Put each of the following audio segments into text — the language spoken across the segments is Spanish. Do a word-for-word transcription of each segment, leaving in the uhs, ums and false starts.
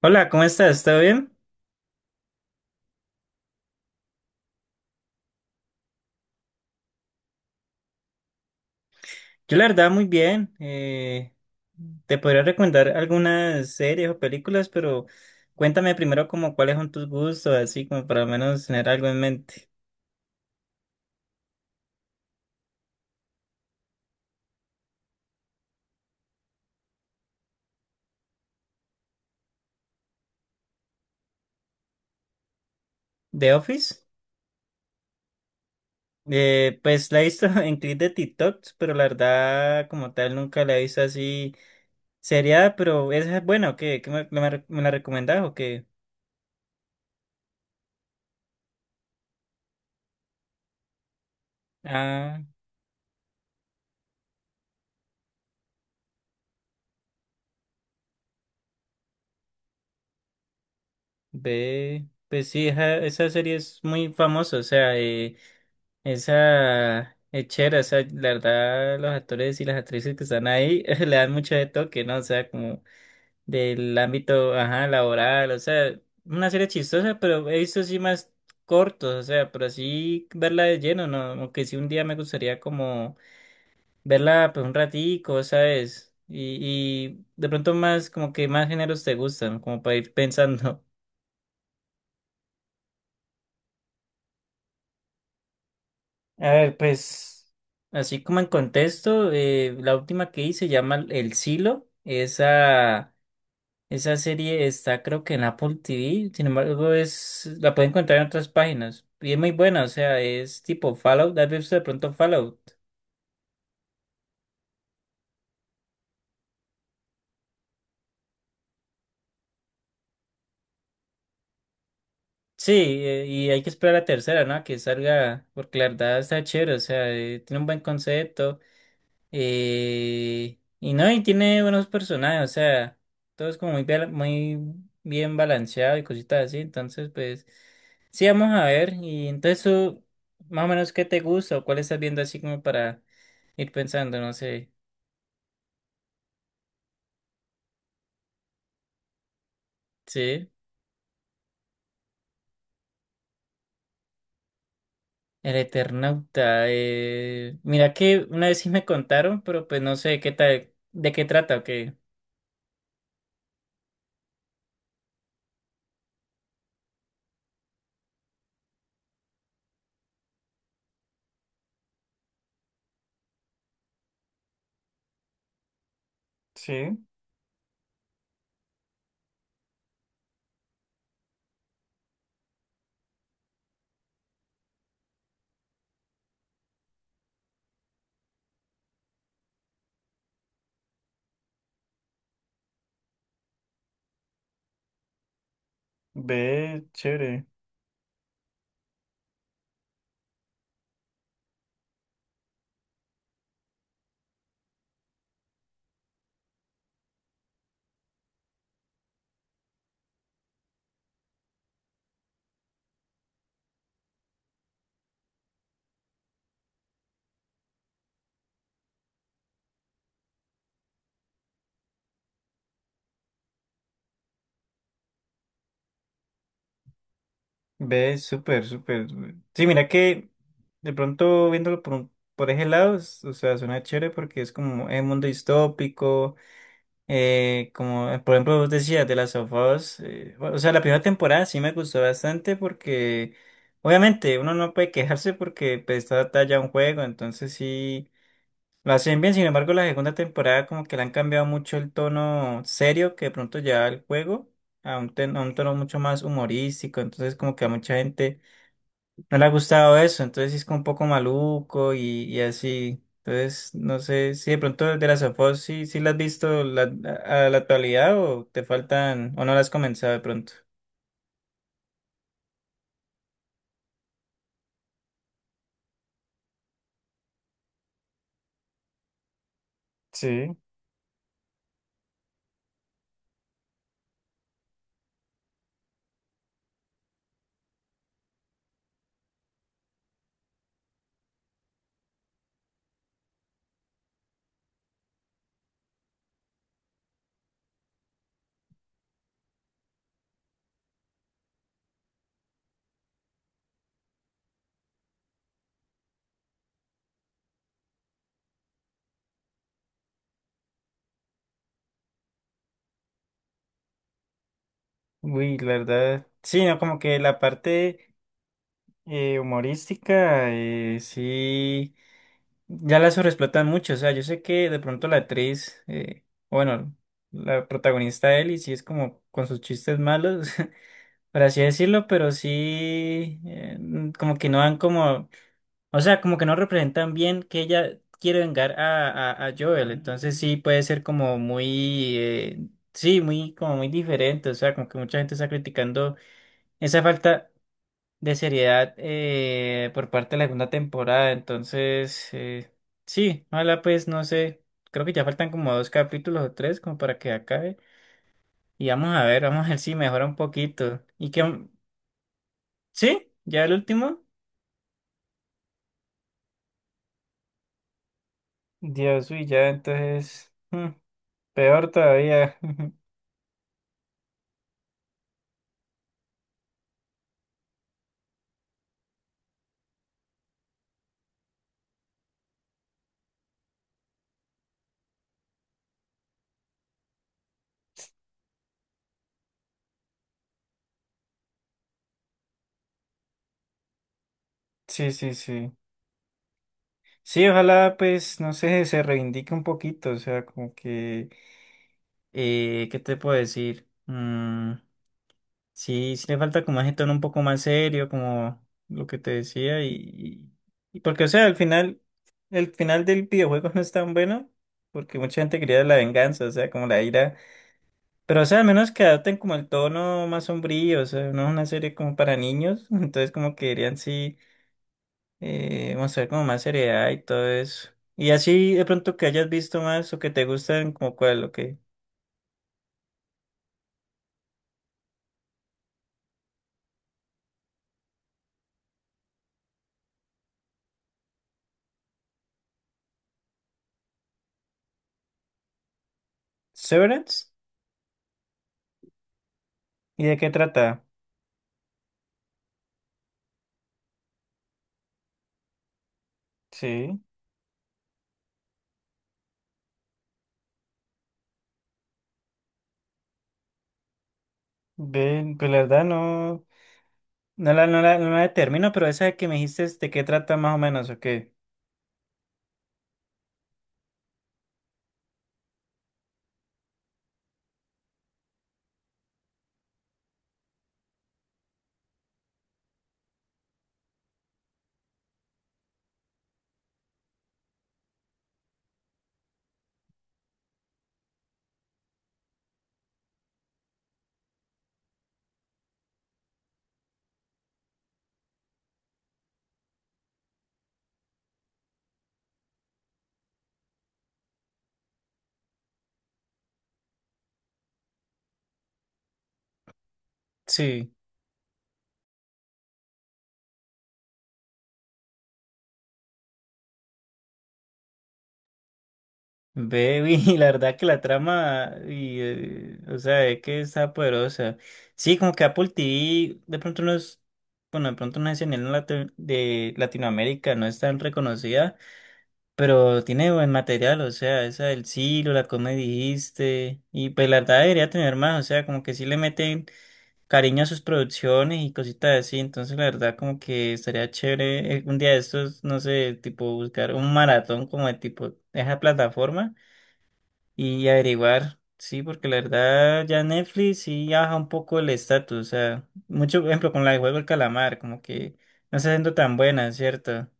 Hola, ¿cómo estás? ¿Todo bien? Yo la verdad muy bien. Eh, te podría recomendar algunas series o películas, pero cuéntame primero como cuáles son tus gustos, así como para al menos tener algo en mente. The Office. Eh, pues la he visto en clips de TikTok, pero la verdad como tal nunca la he visto así seriada, pero esa es buena, ¿o qué? ¿Qué me, me me la recomendás o qué? A, B, pues sí, esa, esa serie es muy famosa, o sea... eh, Esa es chévere, o sea, la verdad, los actores y las actrices que están ahí le dan mucho de toque, ¿no? O sea, como del ámbito, ajá, laboral, o sea, una serie chistosa, pero he visto así más cortos, o sea, pero así verla de lleno, ¿no? Aunque sí un día me gustaría como verla, pues, un ratico, ¿sabes? Y, y de pronto más, como que más géneros te gustan, como para ir pensando. A ver, pues, así como en contexto, eh, la última que hice se llama El Silo. Esa, esa serie está creo que en Apple T V, sin embargo, es, la pueden encontrar en otras páginas. Y es muy buena, o sea, es tipo Fallout. ¿Has visto de pronto Fallout? Sí, eh, y hay que esperar la tercera, ¿no? A que salga, porque la verdad está chévere, o sea, eh, tiene un buen concepto. Eh, y no, y tiene buenos personajes, o sea, todo es como muy, bal- muy bien balanceado y cositas así, entonces pues sí, vamos a ver, y entonces tú, más o menos, ¿qué te gusta o cuál estás viendo así como para ir pensando, no sé, sí, El Eternauta, eh, mira que una vez sí me contaron, pero pues no sé qué tal, de qué trata o qué. Sí, ve, chévere. Ve, súper, súper. Sí, mira que de pronto viéndolo por, un- por ese lado, es- o sea, suena chévere porque es como un mundo distópico, eh, como eh, por ejemplo vos decías de las of Us, eh, bueno, o sea, la primera temporada sí me gustó bastante porque obviamente uno no puede quejarse porque pues, está adaptada ya a un juego, entonces sí lo hacen bien, sin embargo la segunda temporada como que le han cambiado mucho el tono serio que de pronto lleva el juego a un, ten- a un tono mucho más humorístico, entonces como que a mucha gente no le ha gustado eso, entonces sí es como un poco maluco y, y así. Entonces, no sé si de pronto de las afos sí, sí las has visto la- a la actualidad o te faltan o no las has comenzado de pronto. Sí. Uy, la verdad, sí, no, como que la parte eh, humorística, eh, sí, ya la sobreexplotan mucho, o sea, yo sé que de pronto la actriz, eh, bueno, la protagonista Ellie, sí es como con sus chistes malos, por así decirlo, pero sí, eh, mm, como que no dan como, o sea, como que no representan bien que ella quiere vengar a, a, a Joel, entonces sí puede ser como muy, eh, sí, muy, como muy diferente, o sea, como que mucha gente está criticando esa falta de seriedad eh, por parte de la segunda temporada, entonces, eh, sí, ojalá pues, no sé, creo que ya faltan como dos capítulos o tres como para que acabe. Y vamos a ver, vamos a ver si mejora un poquito. ¿Y qué, ¿sí? ¿Ya el último? Dios, uy, ya entonces, mm, peor todavía. Sí, sí, sí. Sí, ojalá pues, no sé, se reivindique un poquito, o sea, como que, eh, ¿qué te puedo decir? Mm, sí, sí le falta como ese tono un poco más serio, como lo que te decía, y, y porque, o sea, al final, el final del videojuego no es tan bueno, porque mucha gente quería la venganza, o sea, como la ira. Pero, o sea, al menos que adopten como el tono más sombrío, o sea, no es una serie como para niños, entonces como que deberían sí eh, mostrar como más seriedad y todo eso. Y así de pronto que hayas visto más o que te gusten, como cuál, o qué. Severance, ¿y de qué trata? Sí, ven, pues la verdad no, no la, no la, no la determino, pero esa que me dijiste, ¿de qué trata más o menos o qué? Sí. Baby, la verdad que la trama, y, eh, o sea, es que está poderosa. Sí, como que Apple T V, de pronto no es, bueno, de pronto no es en el lati- de Latinoamérica, no es tan reconocida, pero tiene buen material, o sea, esa del Silo, la que me dijiste, y pues la verdad debería tener más, o sea, como que sí le meten cariño a sus producciones y cositas así, entonces la verdad como que estaría chévere eh, un día de estos, no sé, tipo buscar un maratón como de tipo, esa plataforma y averiguar, sí, porque la verdad ya Netflix sí baja un poco el estatus, o sea, mucho por ejemplo con la de Juego del Calamar, como que no se siendo tan buena, ¿cierto?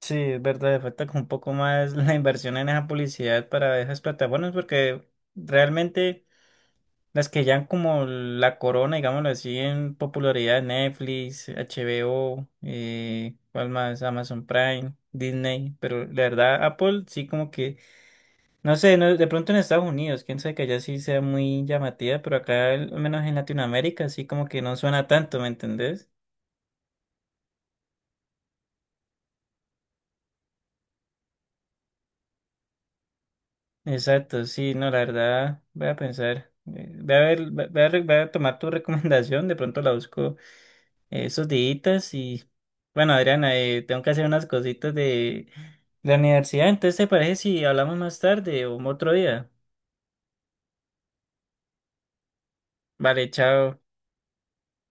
Sí, es verdad, le falta como un poco más la inversión en esa publicidad para esas plataformas, porque realmente las que ya han como la corona, digámoslo así, en popularidad, Netflix, H B O, eh, ¿cuál más? Amazon Prime, Disney, pero la verdad Apple sí como que... No sé, no- de pronto en Estados Unidos, quién sabe que allá sí sea muy llamativa, pero acá, al menos en Latinoamérica, sí como que no suena tanto, ¿me entendés? Exacto, sí, no, la verdad, voy a pensar, eh, voy a ver, voy a, re- voy a tomar tu recomendación, de pronto la busco eh, esos días y, bueno, Adriana, eh, tengo que hacer unas cositas de la universidad, entonces, ¿te parece si hablamos más tarde o otro día? Vale, chao.